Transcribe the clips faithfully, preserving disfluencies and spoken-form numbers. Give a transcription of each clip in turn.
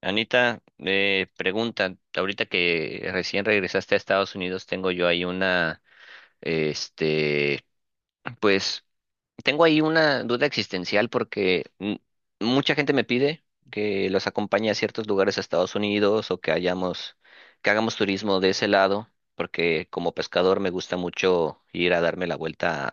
Anita, eh, pregunta, ahorita que recién regresaste a Estados Unidos, tengo yo ahí una, este, pues, tengo ahí una duda existencial porque mm, mucha gente me pide que los acompañe a ciertos lugares a Estados Unidos o que hayamos, que hagamos turismo de ese lado, porque como pescador me gusta mucho ir a darme la vuelta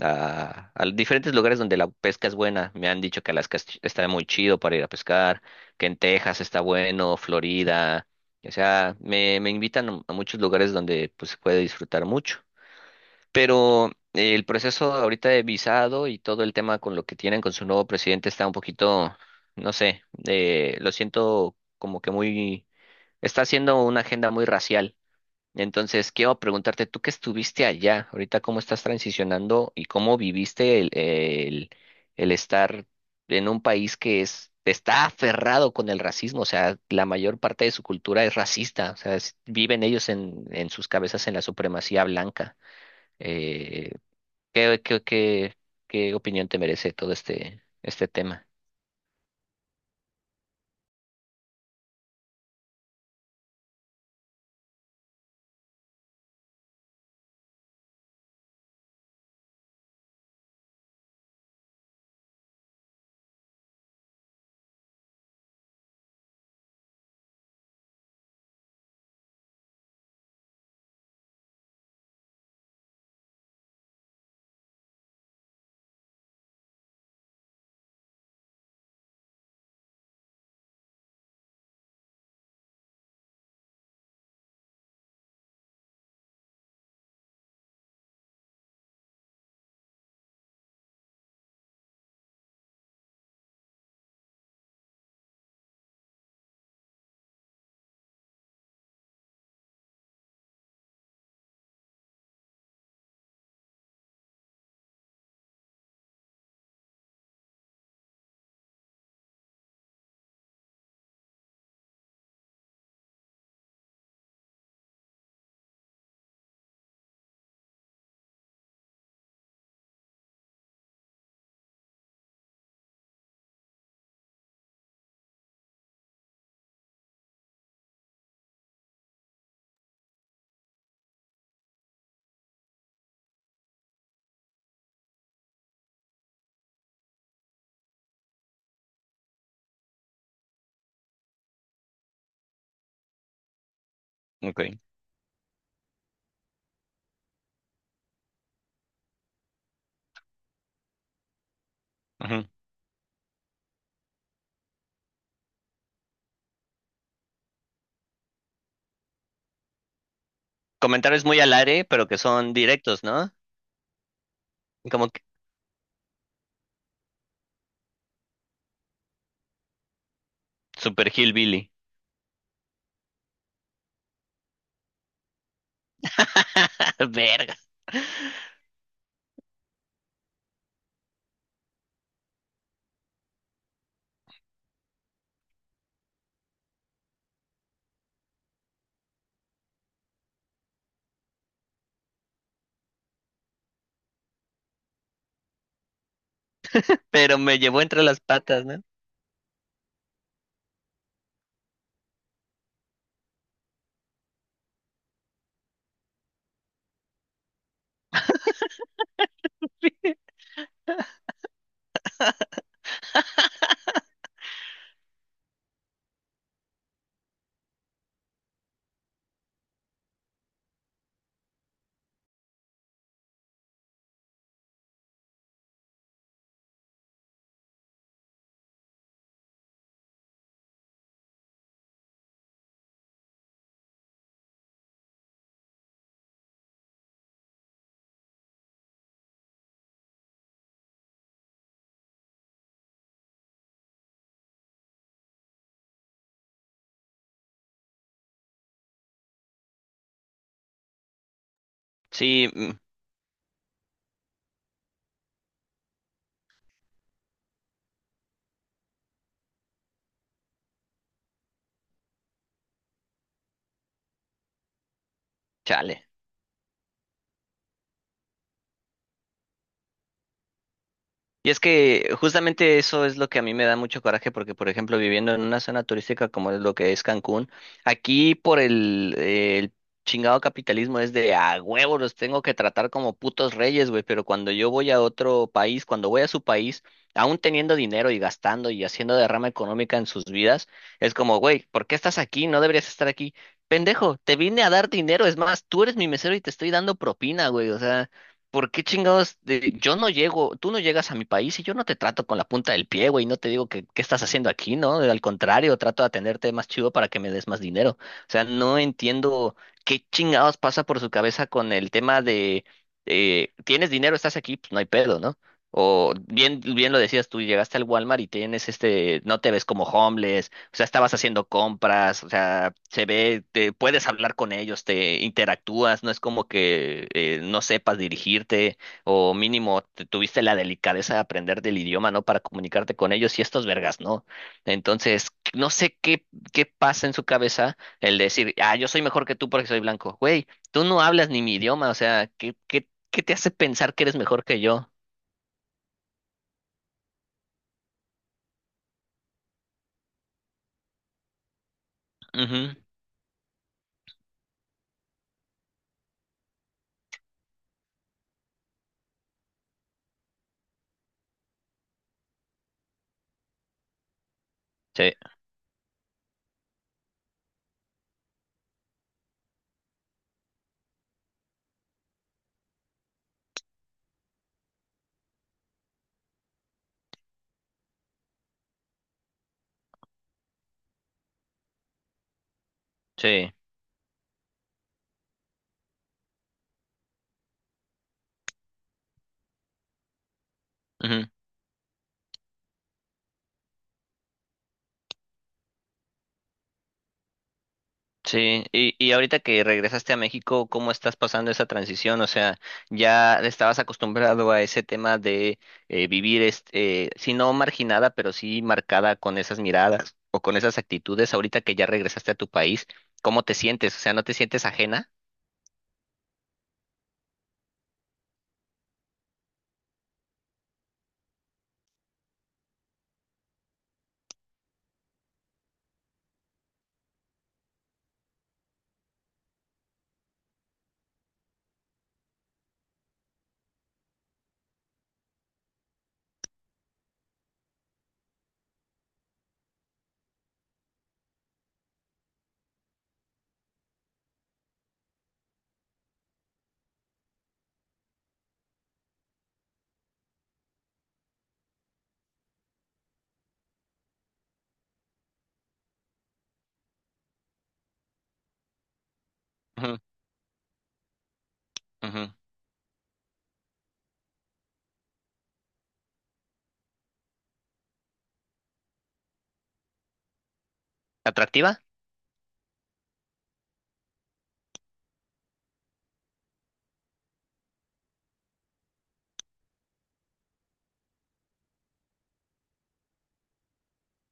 a, a diferentes lugares donde la pesca es buena. Me han dicho que Alaska es ch- está muy chido para ir a pescar, que en Texas está bueno, Florida. O sea, me, me invitan a muchos lugares donde pues, se puede disfrutar mucho. Pero eh, el proceso ahorita de visado y todo el tema con lo que tienen con su nuevo presidente está un poquito, no sé, eh, lo siento como que muy. Está haciendo una agenda muy racial. Entonces, quiero preguntarte, tú que estuviste allá, ahorita cómo estás transicionando y cómo viviste el, el, el estar en un país que es, está aferrado con el racismo, o sea, la mayor parte de su cultura es racista, o sea, es- viven ellos en, en sus cabezas en la supremacía blanca. Eh, ¿qué, qué, qué, qué opinión te merece todo este, este tema? Okay. Ujú. Comentarios muy al aire, pero que son directos, ¿no? Como que super hillbilly. Verga. Pero me llevó entre las patas, ¿no? Sí, mm, chale. Y es que justamente eso es lo que a mí me da mucho coraje porque, por ejemplo, viviendo en una zona turística como es lo que es Cancún, aquí por el, eh, el chingado capitalismo es de a huevo, los tengo que tratar como putos reyes, güey, pero cuando yo voy a otro país, cuando voy a su país, aún teniendo dinero y gastando y haciendo derrama económica en sus vidas, es como, güey, ¿por qué estás aquí? No deberías estar aquí. Pendejo, te vine a dar dinero, es más, tú eres mi mesero y te estoy dando propina, güey, o sea... ¿Por qué chingados? De- yo no llego, tú no llegas a mi país y yo no te trato con la punta del pie, güey, no te digo que qué estás haciendo aquí, ¿no? Al contrario, trato de atenderte más chido para que me des más dinero. O sea, no entiendo qué chingados pasa por su cabeza con el tema de, eh, tienes dinero, estás aquí, pues no hay pedo, ¿no? O bien, bien lo decías tú, llegaste al Walmart y tienes este, no te ves como homeless, o sea, estabas haciendo compras, o sea, se ve, te puedes hablar con ellos, te interactúas, no es como que eh, no sepas dirigirte o mínimo te tuviste la delicadeza de aprender del idioma, ¿no? Para comunicarte con ellos y estos vergas, ¿no? Entonces, no sé qué, qué pasa en su cabeza el decir, ah, yo soy mejor que tú porque soy blanco. Güey, tú no hablas ni mi idioma, o sea, ¿qué, qué, qué te hace pensar que eres mejor que yo? Ujú. Sí, sí. Sí, y, y ahorita que regresaste a México, ¿cómo estás pasando esa transición? O sea, ya estabas acostumbrado a ese tema de eh, vivir, este, eh, si no marginada, pero sí marcada con esas miradas o con esas actitudes. Ahorita que ya regresaste a tu país, ¿cómo te sientes? O sea, ¿no te sientes ajena? Ujú, ujú. ¿Atractiva?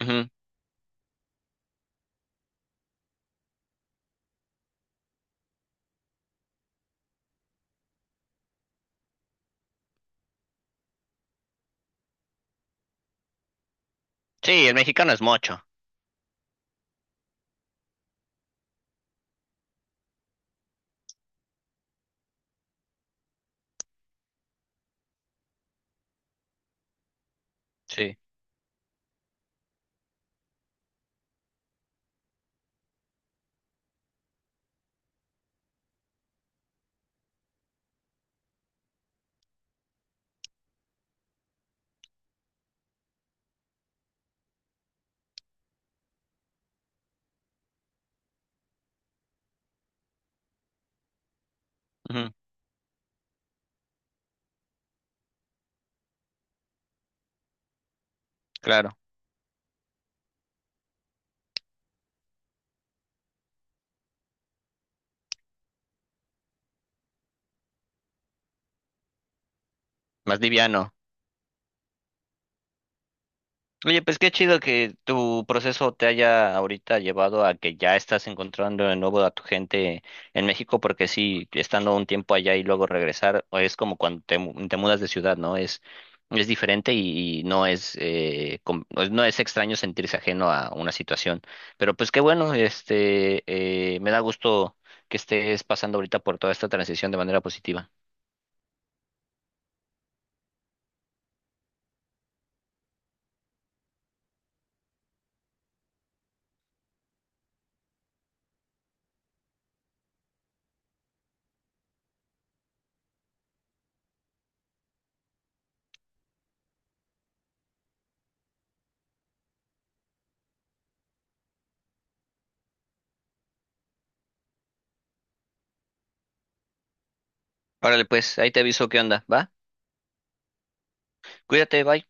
Ujú. Sí, el mexicano es mocho. Sí, ujú, claro, más liviano. Oye, pues qué chido que tu proceso te haya ahorita llevado a que ya estás encontrando de nuevo a tu gente en México, porque sí, estando un tiempo allá y luego regresar, o es como cuando te, mu- te mudas de ciudad, ¿no? Es, es diferente y, y no es, eh, com- pues, no es extraño sentirse ajeno a una situación. Pero pues qué bueno, este, eh, me da gusto que estés pasando ahorita por toda esta transición de manera positiva. Órale, pues, ahí te aviso qué onda, ¿va? Cuídate, bye.